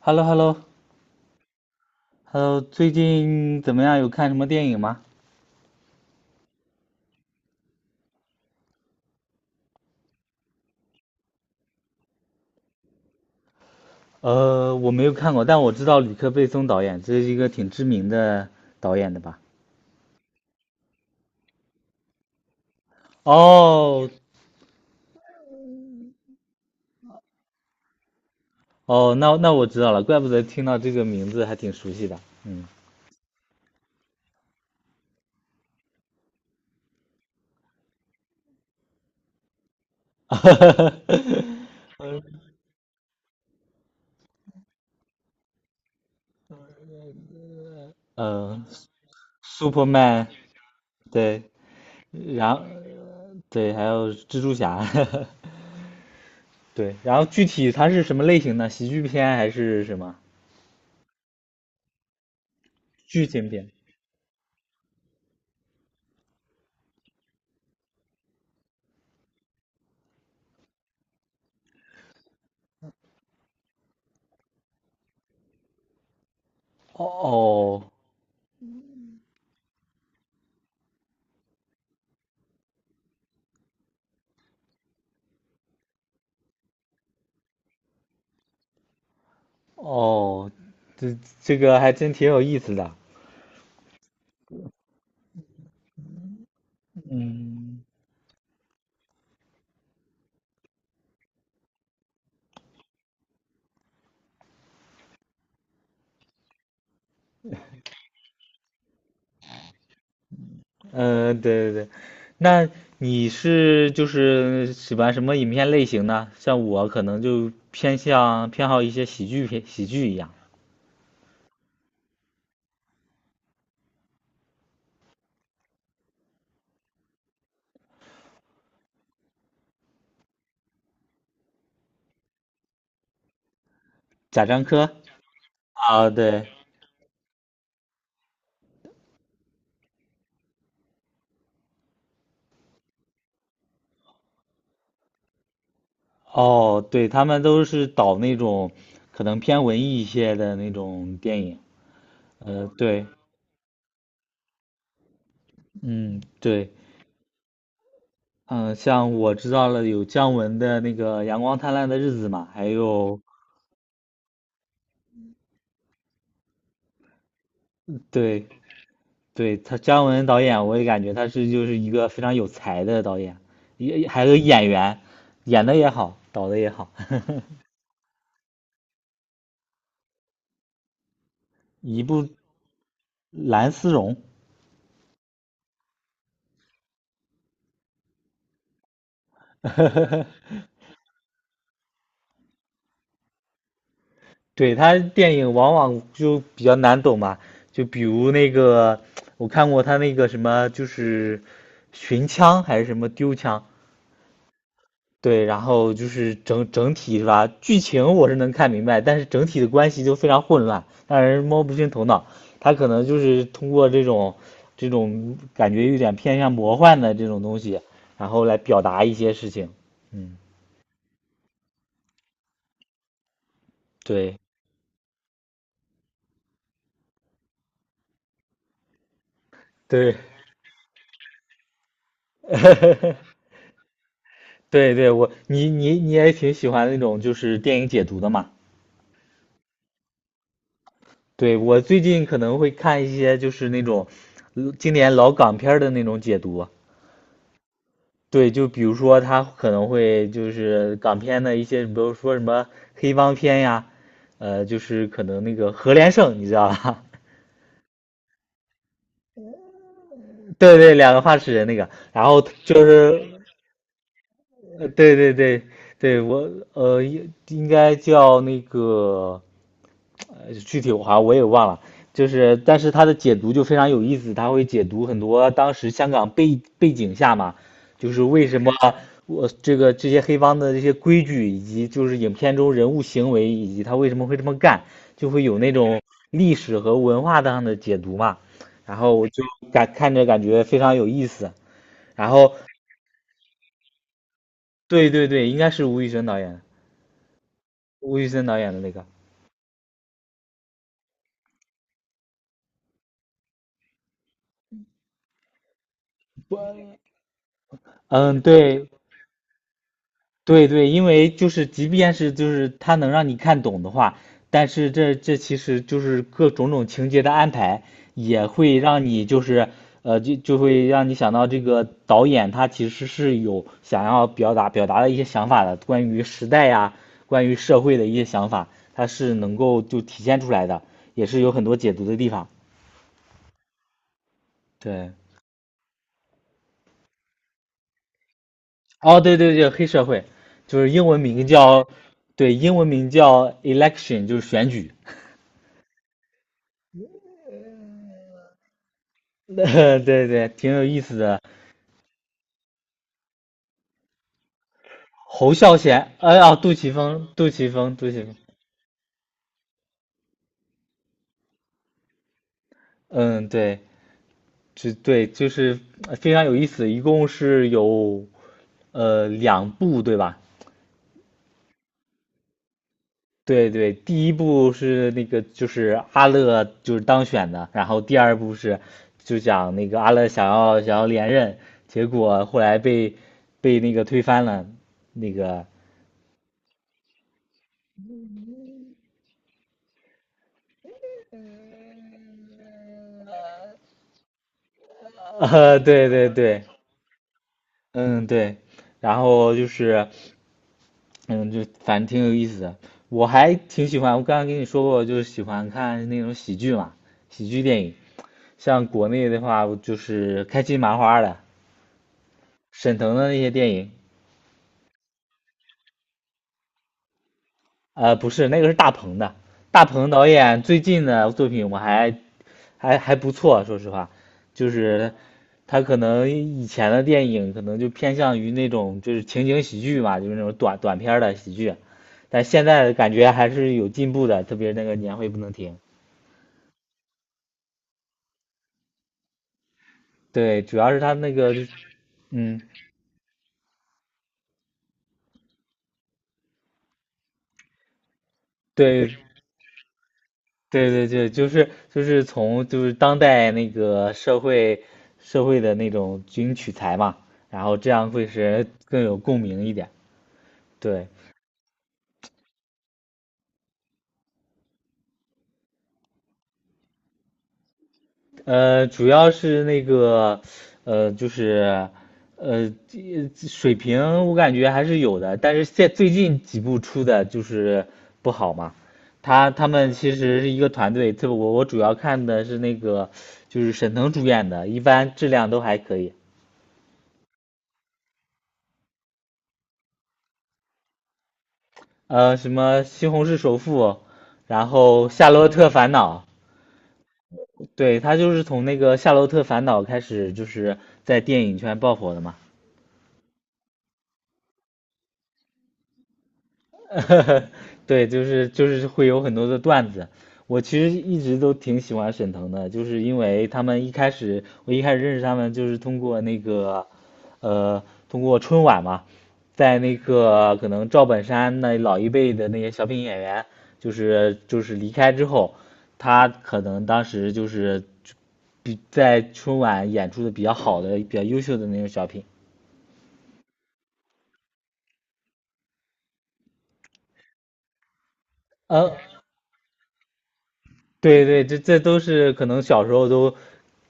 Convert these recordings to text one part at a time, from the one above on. h e l l o h e l l o h e l l o 最近怎么样？有看什么电影吗？我没有看过，但我知道吕克·贝松导演，这是一个挺知名的导演的吧？哦，哦，那我知道了，怪不得听到这个名字还挺熟悉的。嗯。呃，Superman,对，然后对，还有蜘蛛侠。对，然后具体它是什么类型的？喜剧片还是什么？剧情片？哦哦，哦，这这个还真挺有意思的。嗯。对对对，那你是就是喜欢什么影片类型呢？像我可能就偏好一些喜剧片，喜剧一样，贾樟柯啊，对，哦，对，他们都是导那种可能偏文艺一些的那种电影。对，嗯，对，嗯，像我知道了有姜文的那个《阳光灿烂的日子》嘛，还有对，对，他姜文导演，我也感觉他是就是一个非常有才的导演，也还有演员，演的也好，导的也好，一部蓝丝绒。对，他电影往往就比较难懂嘛，就比如那个我看过他那个什么，就是寻枪还是什么丢枪，对，然后就是整整体是吧？剧情我是能看明白，但是整体的关系就非常混乱，让人摸不清头脑。他可能就是通过这种感觉有点偏向魔幻的这种东西，然后来表达一些事情。嗯，对对。 对对,我你也挺喜欢那种就是电影解读的嘛？对，我最近可能会看一些就是那种经典老港片儿的那种解读，对，就比如说他可能会就是港片的一些，比如说什么黑帮片呀，就是可能那个何连胜，你知道吧？对对，两个发齿人那个，然后就是对对对对，我呃应应该叫那个具体我好像我也忘了，就是但是他的解读就非常有意思，他会解读很多当时香港背景下嘛，就是为什么我这个这些黑帮的这些规矩，以及就是影片中人物行为，以及他为什么会这么干，就会有那种历史和文化上的解读嘛。然后我就感看着感觉非常有意思。然后对对对，应该是吴宇森导演，吴宇森导演的那个。嗯，对，对对，因为就是即便是就是它能让你看懂的话，但是这其实就是各种情节的安排，也会让你就是就会让你想到这个导演他其实是有想要表达的一些想法的，关于时代呀，关于社会的一些想法，它是能够就体现出来的，也是有很多解读的地方。对，哦对对对，黑社会就是英文名叫，对，英文名叫 election,就是选举。对对，挺有意思的。侯孝贤，哎呀，杜琪峰，杜琪峰，杜琪峰。嗯，对，就对，就是非常有意思。一共是有两部，对吧？对对，第一部是那个就是阿乐就是当选的，然后第二部是就讲那个阿乐想要连任，结果后来被被那个推翻了，那个。 对对对，嗯对，然后就是。嗯，就反正挺有意思的。我还挺喜欢，我刚刚跟你说过，就是喜欢看那种喜剧嘛，喜剧电影。像国内的话，就是开心麻花的、沈腾的那些电影。不是，那个是大鹏的。大鹏导演最近的作品我还不错，说实话，就是他可能以前的电影可能就偏向于那种就是情景喜剧嘛，就是那种短片儿的喜剧，但现在感觉还是有进步的，特别那个年会不能停。对，主要是他那个，嗯，对，对对对，就是就是从就是当代那个社会的那种军取材嘛，然后这样会使人更有共鸣一点。对，主要是那个，就是，这水平我感觉还是有的，但是现最近几部出的就是不好嘛。他们其实是一个团队，这我主要看的是那个，就是沈腾主演的，一般质量都还可以。什么《西红柿首富》，然后《夏洛特烦恼》，对，他就是从那个《夏洛特烦恼》开始，就是在电影圈爆火的嘛。对，就是就是会有很多的段子。我其实一直都挺喜欢沈腾的，就是因为他们一开始我一开始认识他们就是通过那个，呃，通过春晚嘛，在那个可能赵本山那老一辈的那些小品演员，就是就是离开之后，他可能当时就是比在春晚演出的比较好的、比较优秀的那种小品。呃，对对，这这都是可能小时候都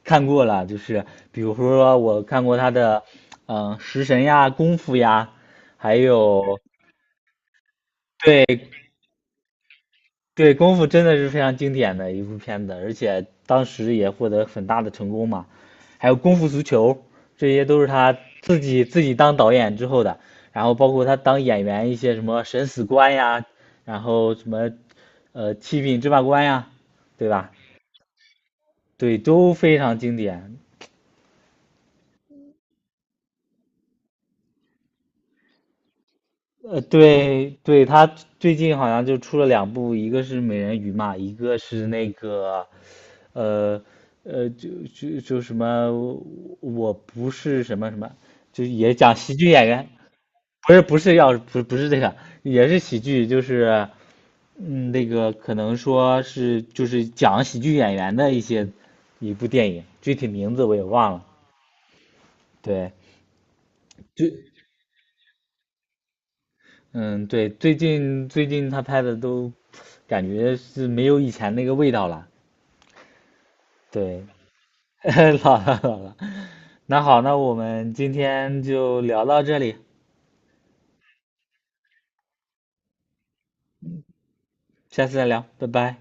看过了，就是比如说我看过他的，嗯、食神呀、功夫呀，还有对对，功夫真的是非常经典的一部片子，而且当时也获得很大的成功嘛。还有功夫足球，这些都是他自己当导演之后的，然后包括他当演员一些什么审死官呀，然后什么七品芝麻官呀，对吧？对，都非常经典。对对，他最近好像就出了两部，一个是美人鱼嘛，一个是那个呃呃，就就就什么我不是什么什么，就也讲喜剧演员，不是不是要不不是这个，也是喜剧，就是嗯那个可能说是就是讲喜剧演员的一些一部电影，具体名字我也忘了，对。就。嗯，对，最近他拍的都感觉是没有以前那个味道了。对。老了老了。那好，那我们今天就聊到这里，下次再聊，拜拜。